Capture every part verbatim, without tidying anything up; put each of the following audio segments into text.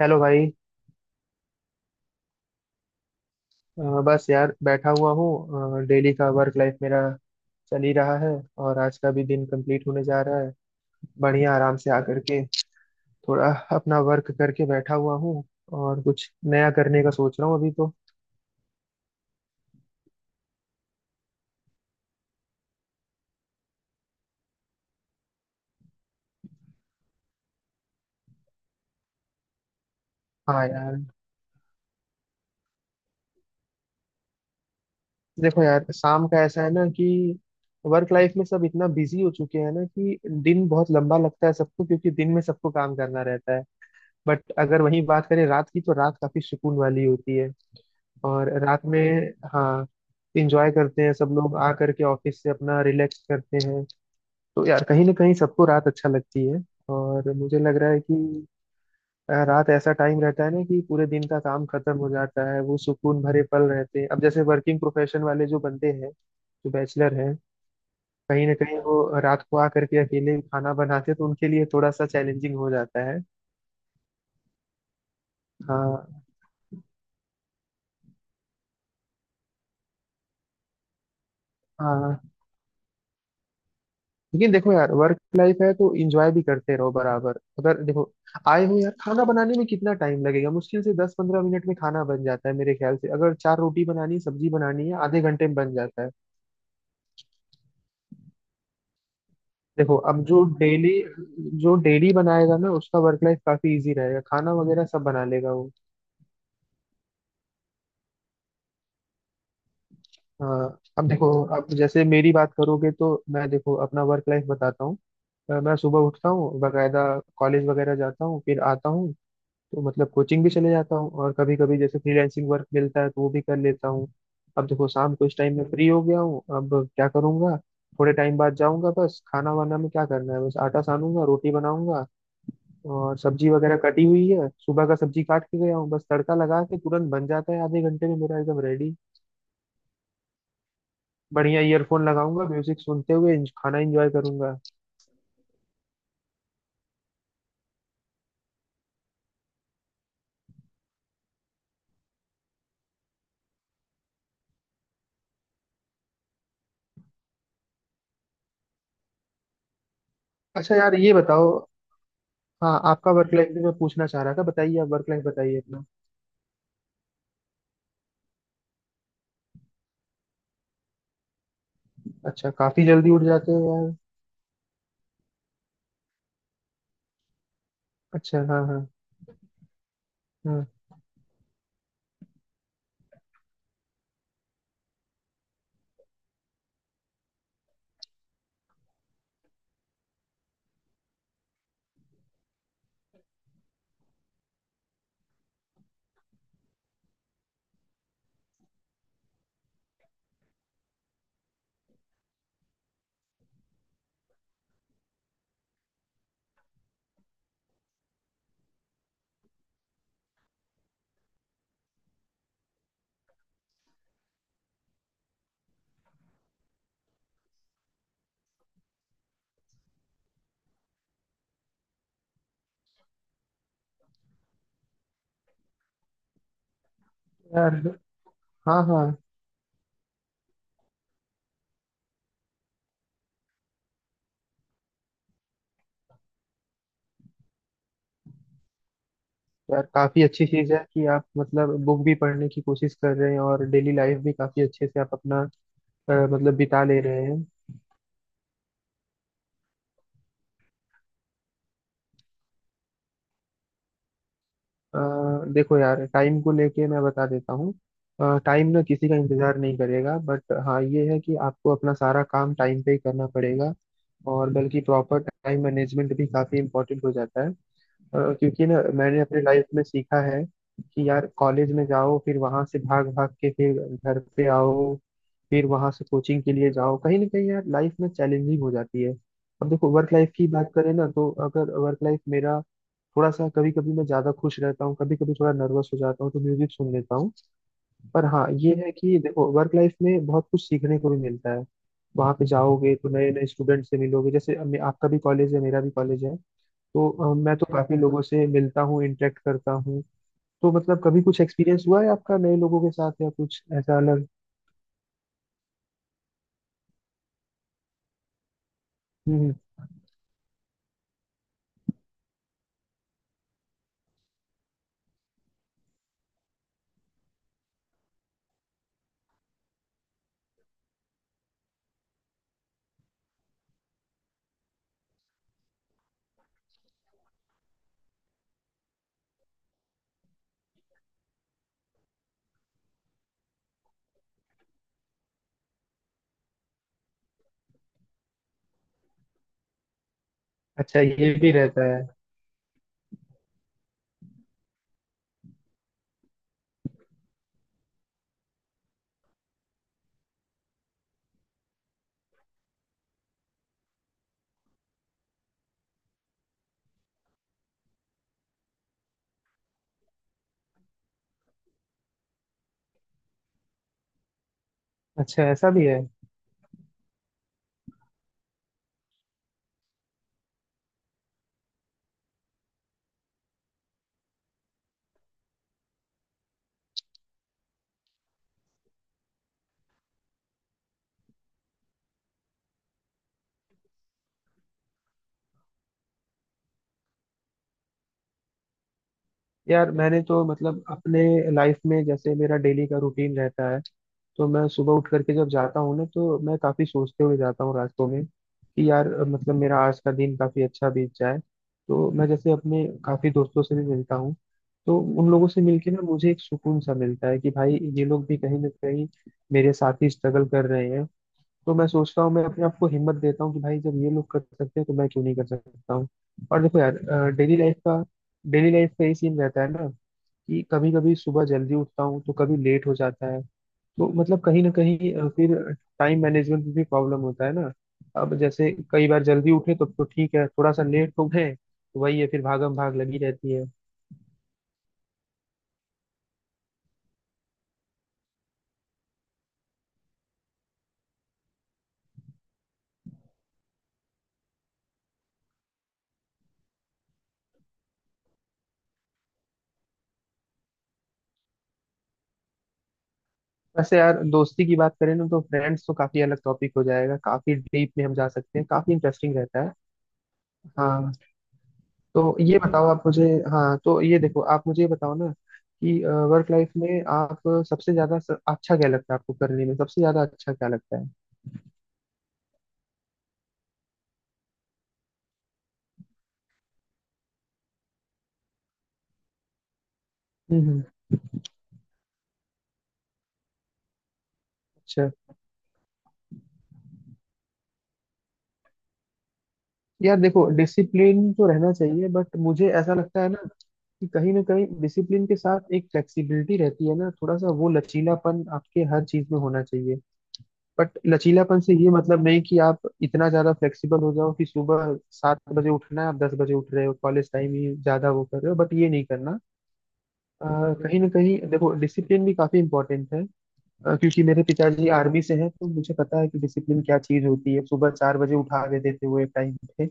Hello भाई। अ, बस यार बैठा हुआ हूँ। अ, डेली का वर्क लाइफ मेरा चल ही रहा है और आज का भी दिन कंप्लीट होने जा रहा है। बढ़िया, आराम से आकर के थोड़ा अपना वर्क करके बैठा हुआ हूँ और कुछ नया करने का सोच रहा हूँ अभी तो। हाँ यार, देखो यार, शाम का ऐसा है ना कि वर्क लाइफ में सब इतना बिजी हो चुके हैं ना कि दिन बहुत लंबा लगता है सबको, क्योंकि दिन में सबको काम करना रहता है। बट अगर वहीं बात करें रात की, तो रात काफी सुकून वाली होती है। और रात में, हाँ, इंजॉय करते हैं सब लोग, आ करके ऑफिस से अपना रिलैक्स करते हैं। तो यार कहीं ना कहीं सबको रात अच्छा लगती है। और मुझे लग रहा है कि अ, रात ऐसा टाइम रहता है ना कि पूरे दिन का काम खत्म हो जाता है, वो सुकून भरे पल रहते हैं। अब जैसे वर्किंग प्रोफेशन वाले जो बंदे हैं, जो बैचलर हैं, कहीं ना कहीं वो रात को आ करके अकेले खाना बनाते हैं, तो उनके लिए थोड़ा सा चैलेंजिंग हो जाता है। हाँ हाँ, लेकिन देखो यार, वर्क लाइफ है तो एंजॉय भी करते रहो बराबर। अगर देखो आए हो यार, खाना बनाने में कितना टाइम लगेगा, मुश्किल से दस पंद्रह मिनट में खाना बन जाता है मेरे ख्याल से। अगर चार रोटी बनानी, सब्जी बनानी है, आधे घंटे में बन जाता है। देखो, अब जो डेली, जो डेली बनाएगा ना, उसका वर्क लाइफ काफी इजी रहेगा, खाना वगैरह सब बना लेगा वो। हाँ, अब देखो, अब जैसे मेरी बात करोगे तो मैं देखो अपना वर्क लाइफ बताता हूँ। अ, मैं सुबह उठता हूँ बकायदा, कॉलेज वगैरह जाता हूँ फिर आता हूँ। तो मतलब कोचिंग भी चले जाता हूँ और कभी कभी जैसे फ्रीलांसिंग वर्क मिलता है तो वो भी कर लेता हूँ। अब देखो, शाम को इस टाइम में फ्री हो गया हूँ, अब क्या करूँगा। थोड़े टाइम बाद जाऊंगा, बस खाना वाना में क्या करना है, बस आटा सानूंगा, रोटी बनाऊंगा। और सब्जी वगैरह कटी हुई है, सुबह का सब्जी काट के गया हूँ, बस तड़का लगा के तुरंत बन जाता है, आधे घंटे में मेरा एकदम रेडी। बढ़िया ईयरफोन लगाऊंगा, म्यूजिक सुनते हुए इंज- खाना एंजॉय करूंगा। अच्छा यार, ये बताओ, हाँ, आपका वर्क लाइफ भी मैं पूछना चाह रहा था, बताइए आप, वर्क लाइफ बताइए अपना। अच्छा, काफी जल्दी उठ जाते हो यार। अच्छा हाँ हाँ। हाँ यार। हाँ हाँ, यार काफी अच्छी चीज है कि आप मतलब बुक भी पढ़ने की कोशिश कर रहे हैं और डेली लाइफ भी काफी अच्छे से आप अपना अ, मतलब बिता ले रहे हैं। अ, देखो यार, टाइम को लेके मैं बता देता हूँ, टाइम ना किसी का इंतजार नहीं करेगा। बट हाँ, ये है कि आपको अपना सारा काम टाइम पे ही करना पड़ेगा। और बल्कि प्रॉपर टाइम मैनेजमेंट भी काफी इंपॉर्टेंट हो जाता है। अ, क्योंकि ना, मैंने अपने लाइफ में सीखा है कि यार, कॉलेज में जाओ, फिर वहां से भाग भाग के फिर घर पे आओ, फिर वहां से कोचिंग के लिए जाओ, कहीं ना कहीं यार लाइफ में चैलेंजिंग हो जाती है। अब देखो, वर्क लाइफ की बात करें ना, तो अगर वर्क लाइफ मेरा थोड़ा सा, कभी कभी मैं ज्यादा खुश रहता हूँ, कभी कभी थोड़ा नर्वस हो जाता हूँ तो म्यूजिक सुन लेता हूँ। पर हाँ, ये है कि देखो वर्क लाइफ में बहुत कुछ सीखने को भी मिलता है। वहां पे जाओगे तो नए नए स्टूडेंट से मिलोगे, जैसे अब मे- आपका भी कॉलेज है, मेरा भी कॉलेज है। तो अ, मैं तो काफी बिल्कुल लोगों से मिलता हूँ, इंटरेक्ट करता हूँ। तो मतलब कभी कुछ एक्सपीरियंस हुआ है आपका नए लोगों के साथ या कुछ ऐसा अलग। हम्म हम्म। अच्छा, ये भी रहता है। अच्छा ऐसा भी है। यार मैंने तो मतलब अपने लाइफ में, जैसे मेरा डेली का रूटीन रहता है, तो मैं सुबह उठ करके जब जाता हूँ ना, तो मैं काफी सोचते हुए जाता हूँ रास्तों में कि यार अ, मतलब मेरा आज का दिन काफी अच्छा बीत जाए। तो मैं जैसे अपने काफी दोस्तों से भी मिलता हूँ, तो उन लोगों से मिलके ना मुझे एक सुकून सा मिलता है कि भाई ये लोग भी कहीं ना कहीं मेरे साथ ही स्ट्रगल कर रहे हैं। तो मैं सोचता हूँ, मैं अपने आप को हिम्मत देता हूँ कि भाई जब ये लोग कर सकते हैं, तो मैं क्यों नहीं कर सकता हूँ। और देखो यार, डेली लाइफ का डेली लाइफ का ये सीन रहता है ना कि कभी कभी सुबह जल्दी उठता हूँ तो कभी लेट हो जाता है। तो मतलब कहीं ना कहीं अ, फिर टाइम मैनेजमेंट में भी प्रॉब्लम होता है ना। अब जैसे कई बार जल्दी उठे तो तो ठीक है, थोड़ा सा लेट हो गए तो वही है, फिर भागम भाग लगी रहती है। वैसे यार दोस्ती की बात करें ना, तो फ्रेंड्स तो काफी अलग टॉपिक हो जाएगा, काफी डीप में हम जा सकते हैं, काफी इंटरेस्टिंग रहता है। हाँ तो ये बताओ आप मुझे, हाँ तो ये देखो, आप मुझे ये बताओ ना कि वर्क लाइफ में आप सबसे ज्यादा स- अच्छा क्या लगता है आपको करने में, सबसे ज्यादा अच्छा क्या लगता है। हम्म हम्म, अच्छा, यार देखो डिसिप्लिन तो रहना चाहिए, बट मुझे ऐसा लगता है ना कि कहीं ना कहीं डिसिप्लिन के साथ एक फ्लेक्सिबिलिटी रहती है ना, थोड़ा सा वो लचीलापन आपके हर चीज में होना चाहिए। बट लचीलापन से ये मतलब नहीं कि आप इतना ज्यादा फ्लेक्सिबल हो जाओ कि सुबह सात बजे उठना है, आप दस बजे उठ रहे हो, कॉलेज टाइम ही ज्यादा वो कर रहे हो, बट ये नहीं करना। अ, कहीं ना कहीं देखो डिसिप्लिन भी काफी इंपॉर्टेंट है। अ, क्योंकि मेरे पिताजी आर्मी से हैं, तो मुझे पता है कि डिसिप्लिन क्या चीज होती है। सुबह चार बजे उठा देते थे वो एक टाइम पे।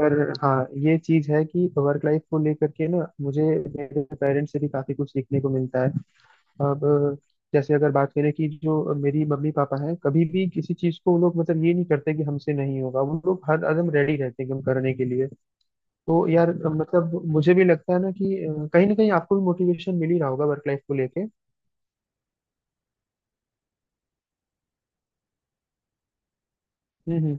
पर हाँ, ये चीज है कि वर्क लाइफ को लेकर के ना मुझे, मेरे पेरेंट्स से भी काफी कुछ सीखने को मिलता है। अब अ, जैसे अगर बात करें कि जो मेरी मम्मी पापा हैं, कभी भी किसी चीज को वो लोग मतलब ये नहीं करते कि हमसे नहीं होगा, वो लोग हर कदम रेडी रहते हैं एकदम करने के लिए। तो यार अ, मतलब मुझे भी लगता है ना कि अ, कहीं ना कहीं आपको भी मोटिवेशन मिल ही रहा होगा वर्क लाइफ को लेके। हम्म हम्म।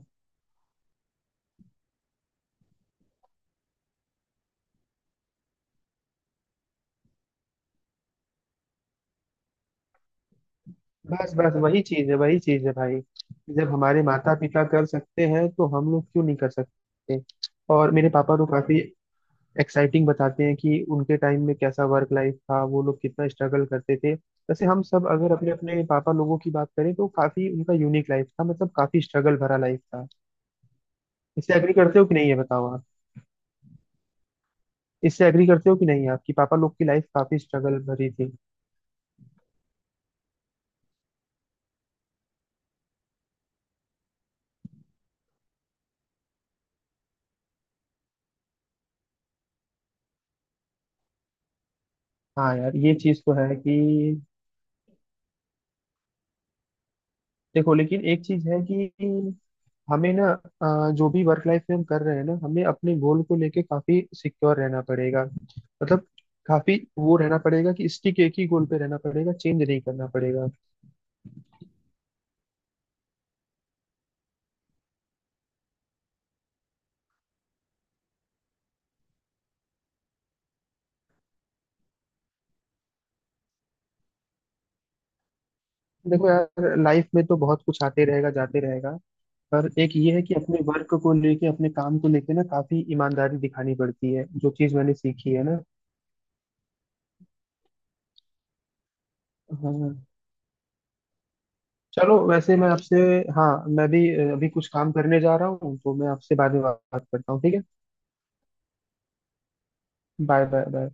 बस बस वही चीज है, वही चीज है भाई। जब हमारे माता पिता कर सकते हैं, तो हम लोग क्यों नहीं कर सकते। और मेरे पापा तो काफी एक्साइटिंग बताते हैं कि उनके टाइम में कैसा वर्क लाइफ था, वो लोग कितना स्ट्रगल करते थे। वैसे हम सब अगर अपने अपने पापा लोगों की बात करें तो काफी उनका यूनिक लाइफ था, मतलब काफी स्ट्रगल भरा लाइफ था। इससे एग्री करते हो कि नहीं, ये बताओ आप। इससे एग्री करते हो कि नहीं, आपकी पापा लोग की लाइफ काफी स्ट्रगल भरी थी। हाँ यार, ये चीज तो है कि देखो लेकिन एक चीज है कि हमें ना अ, जो भी वर्क लाइफ में हम कर रहे हैं ना, हमें अपने गोल को लेके काफी सिक्योर रहना पड़ेगा। मतलब काफी वो रहना पड़ेगा कि स्टिक एक ही गोल पे रहना पड़ेगा, चेंज नहीं करना पड़ेगा। देखो यार लाइफ में तो बहुत कुछ आते रहेगा जाते रहेगा। पर एक ये है कि अपने वर्क को लेके, अपने काम को लेके ना, काफी ईमानदारी दिखानी पड़ती है, जो चीज मैंने सीखी है ना। हाँ, चलो वैसे मैं आपसे, हाँ मैं भी अ, अभी कुछ काम करने जा रहा हूँ, तो मैं आपसे बाद में बात करता हूँ, ठीक है। Bye bye bye.